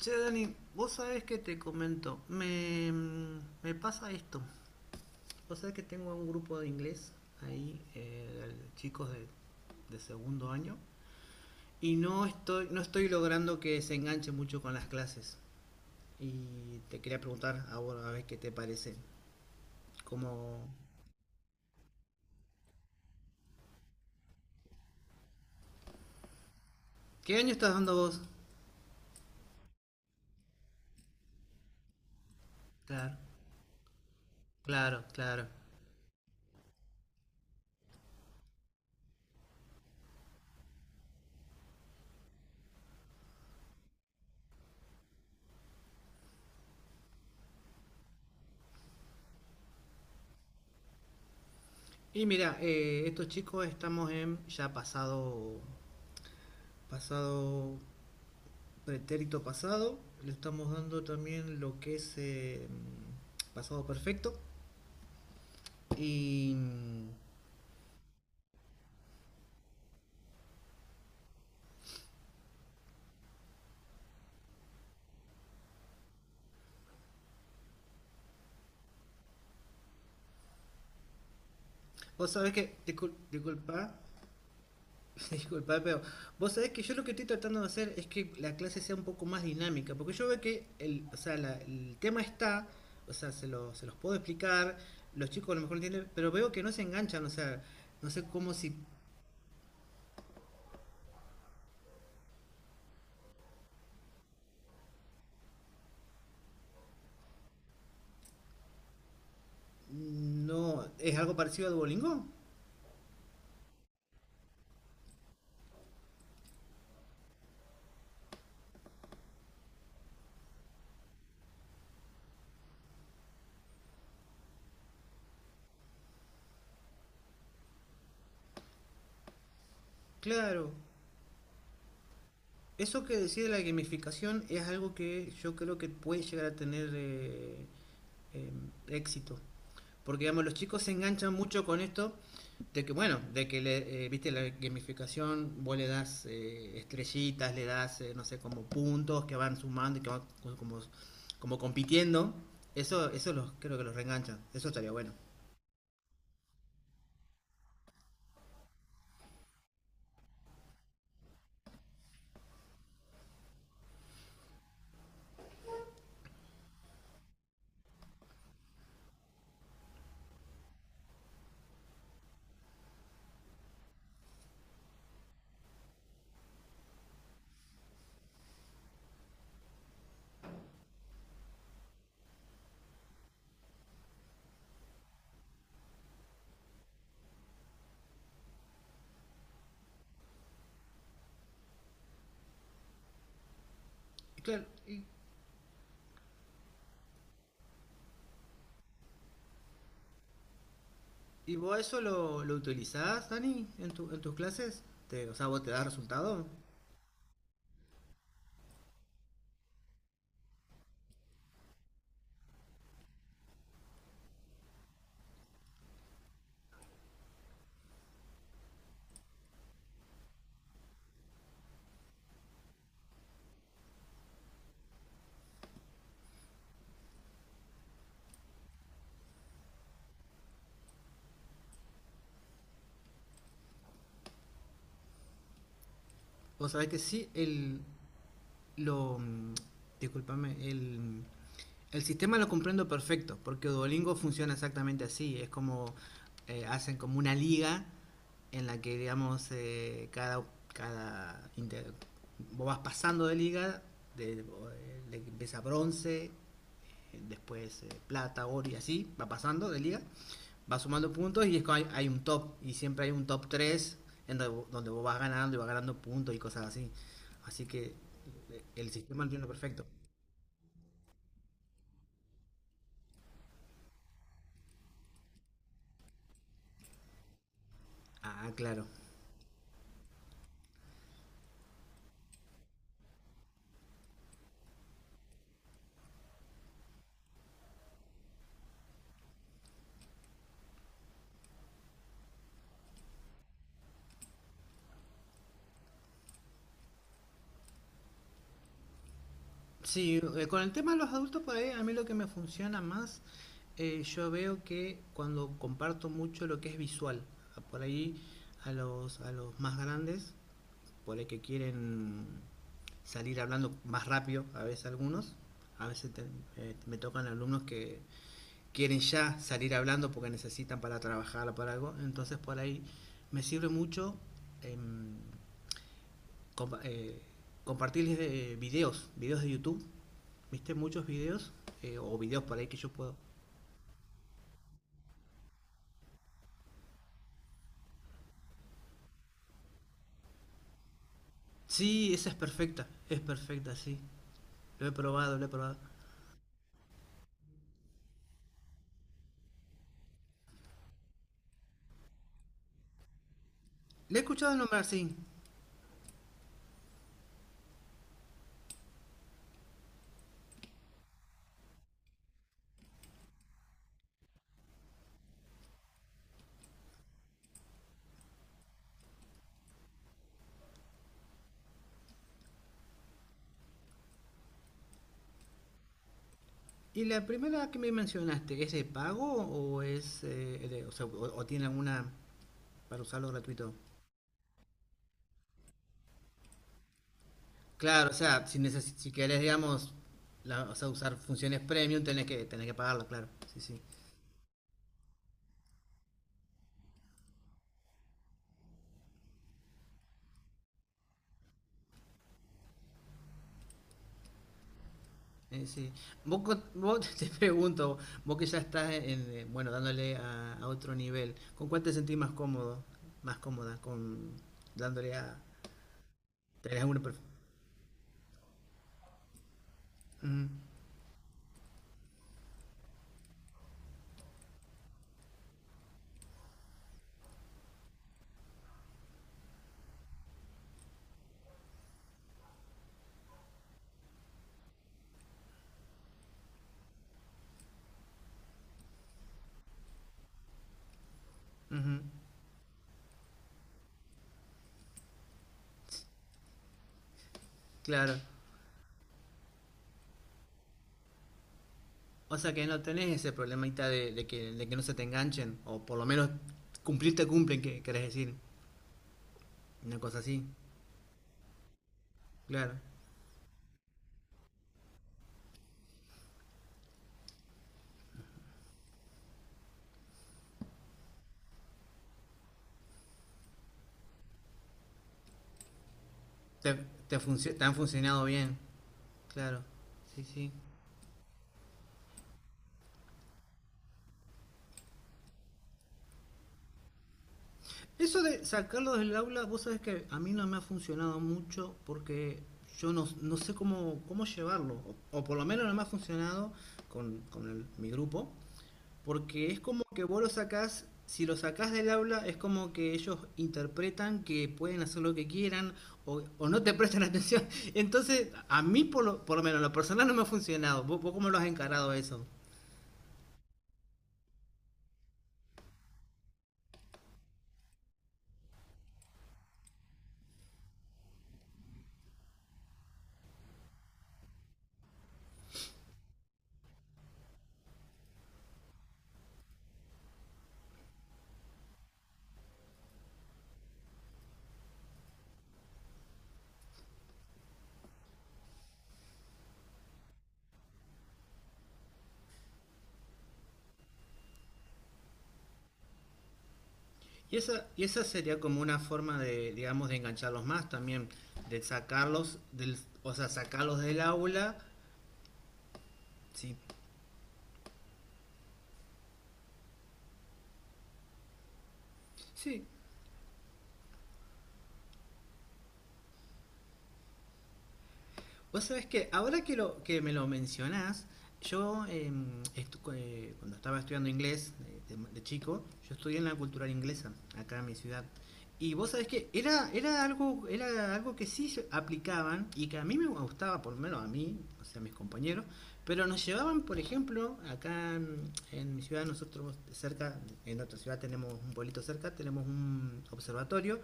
Che, Dani, vos sabés que te comento, me pasa esto. Vos sabés que tengo un grupo de inglés ahí, chicos de segundo año, y no estoy logrando que se enganche mucho con las clases. Y te quería preguntar a vos a ver qué te parece. Como, ¿qué año estás dando vos? Claro, claro, claro. Y mira, estos chicos estamos en ya pasado pretérito pasado, le estamos dando también lo que es pasado perfecto. Y vos sabés que, disculpa, disculpa, pero vos sabés que yo lo que estoy tratando de hacer es que la clase sea un poco más dinámica, porque yo veo que el, o sea, el tema está, o sea, se los puedo explicar, los chicos a lo mejor no entienden, pero veo que no se enganchan, o sea, no sé cómo si no es algo parecido a Duolingo. Claro, eso que decía de la gamificación es algo que yo creo que puede llegar a tener eh, éxito. Porque, digamos, los chicos se enganchan mucho con esto de que, bueno, de que, viste, la gamificación, vos le das estrellitas, le das, no sé, como puntos que van sumando y que van como, como compitiendo. Eso, creo que los reenganchan. Eso estaría bueno. Y claro, y, ¿y vos eso lo utilizás, Dani, en tus clases? ¿Te, o sea, vos te das resultado? Vos sabés que sí, lo, mm, discúlpame, el sistema lo comprendo perfecto, porque Duolingo funciona exactamente así, es como hacen como una liga en la que, digamos, cada, cada vos vas pasando de liga, de empieza bronce, después plata, oro y así, va pasando de liga, va sumando puntos y es como hay un top, y siempre hay un top 3 en donde, donde vos vas ganando y vas ganando puntos y cosas así. Así que el sistema lo entiendo perfecto. Ah, claro. Sí, con el tema de los adultos por ahí, a mí lo que me funciona más, yo veo que cuando comparto mucho lo que es visual, por ahí a los más grandes, por ahí que quieren salir hablando más rápido, a veces algunos, a veces te- me tocan alumnos que quieren ya salir hablando porque necesitan para trabajar o para algo, entonces por ahí me sirve mucho em, compa- eh, compartirles videos de YouTube. ¿Viste muchos videos? O videos por ahí que yo puedo. Sí, esa es perfecta. Es perfecta, sí. Lo he probado, lo he probado. La he escuchado nombrar, sí. ¿Y la primera que me mencionaste, es de pago o es o, sea, o tiene alguna para usarlo gratuito? Claro, o sea, si querés, digamos, o sea, usar funciones premium, tenés que pagarlo, claro. Sí, sí. Sí. Vos te pregunto, vos que ya estás en, bueno, dándole a otro nivel, ¿con cuál te sentís más cómodo? Más cómoda, con dándole a... ¿Tenés alguna ujú, ujú, claro. O sea que no tenés ese problemita de que no se te enganchen, o por lo menos cumplir te cumplen, que querés decir, una cosa así, claro. Te, te han funcionado bien, claro. Sí, sí. Eso de sacarlo del aula, vos sabés que a mí no me ha funcionado mucho porque yo no sé cómo, cómo llevarlo, o por lo menos no me ha funcionado con mi grupo, porque es como que vos lo sacás, si lo sacás del aula es como que ellos interpretan que pueden hacer lo que quieran o no te prestan atención. Entonces, a mí por lo menos, en lo personal no me ha funcionado. Vos cómo lo has encarado eso? Y esa sería como una forma de, digamos, de engancharlos más también, de sacarlos o sea, sacarlos del aula, sí, sí. Vos sabés que ahora que, que me lo mencionás, yo cuando estaba estudiando inglés de chico, yo estudié en la cultural inglesa, acá en mi ciudad. Y vos sabés que era algo que sí se aplicaban y que a mí me gustaba, por lo menos a mí, o sea, a mis compañeros, pero nos llevaban, por ejemplo, acá en mi ciudad, nosotros cerca, en otra ciudad tenemos un pueblito cerca, tenemos un observatorio,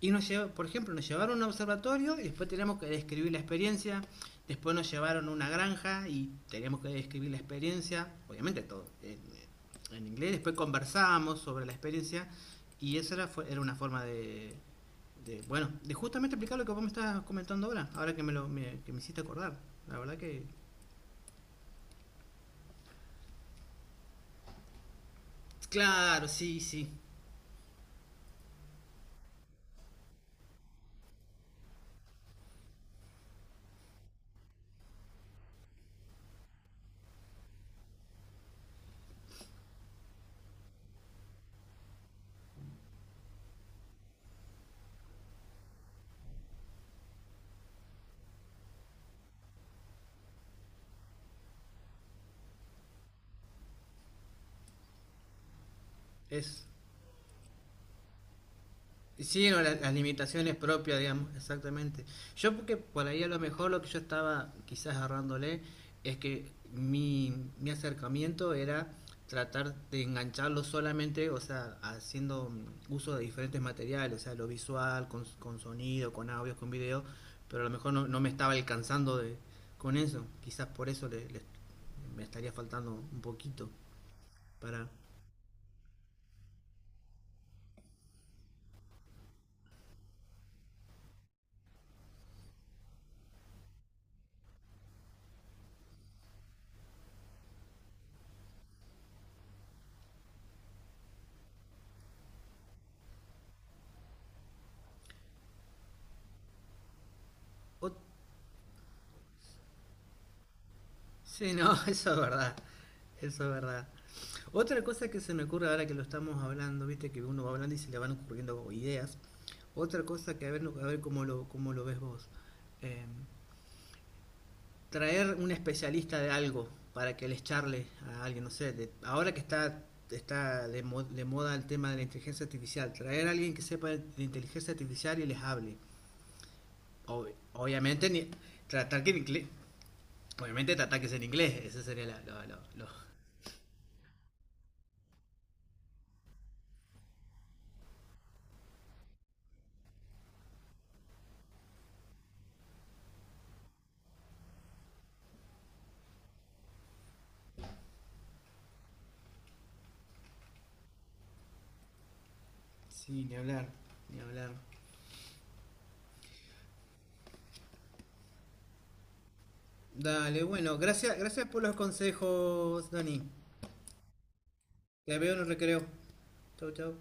y nos llevaron a un observatorio y después teníamos que describir la experiencia. Después nos llevaron a una granja y teníamos que describir la experiencia, obviamente todo en inglés. Después conversábamos sobre la experiencia y era una forma de, bueno, de justamente explicar lo que vos me estás comentando ahora, ahora que que me hiciste acordar. La verdad que... Claro, sí, sí, es sí, no, las limitaciones propias, digamos, exactamente. Yo porque por ahí a lo mejor lo que yo estaba quizás agarrándole es que mi acercamiento era tratar de engancharlo solamente, o sea, haciendo uso de diferentes materiales, o sea, lo visual, con sonido, con audio, con video, pero a lo mejor no me estaba alcanzando de, con eso. Quizás por eso me estaría faltando un poquito para... ot- sí, no, eso es verdad, eso es verdad. Otra cosa que se me ocurre ahora que lo estamos hablando, viste que uno va hablando y se le van ocurriendo ideas. Otra cosa que a ver cómo lo ves vos. Eh, traer un especialista de algo para que les charle a alguien, no sé, ahora que está de moda el tema de la inteligencia artificial, traer a alguien que sepa de inteligencia artificial y les hable. Obviamente, tratar que en inglés, obviamente tratar que sea en inglés, ese sería la, lo- sí, ni hablar, ni hablar. Dale, bueno, gracias, gracias por los consejos, Dani. Te veo en el recreo. Chau, chau.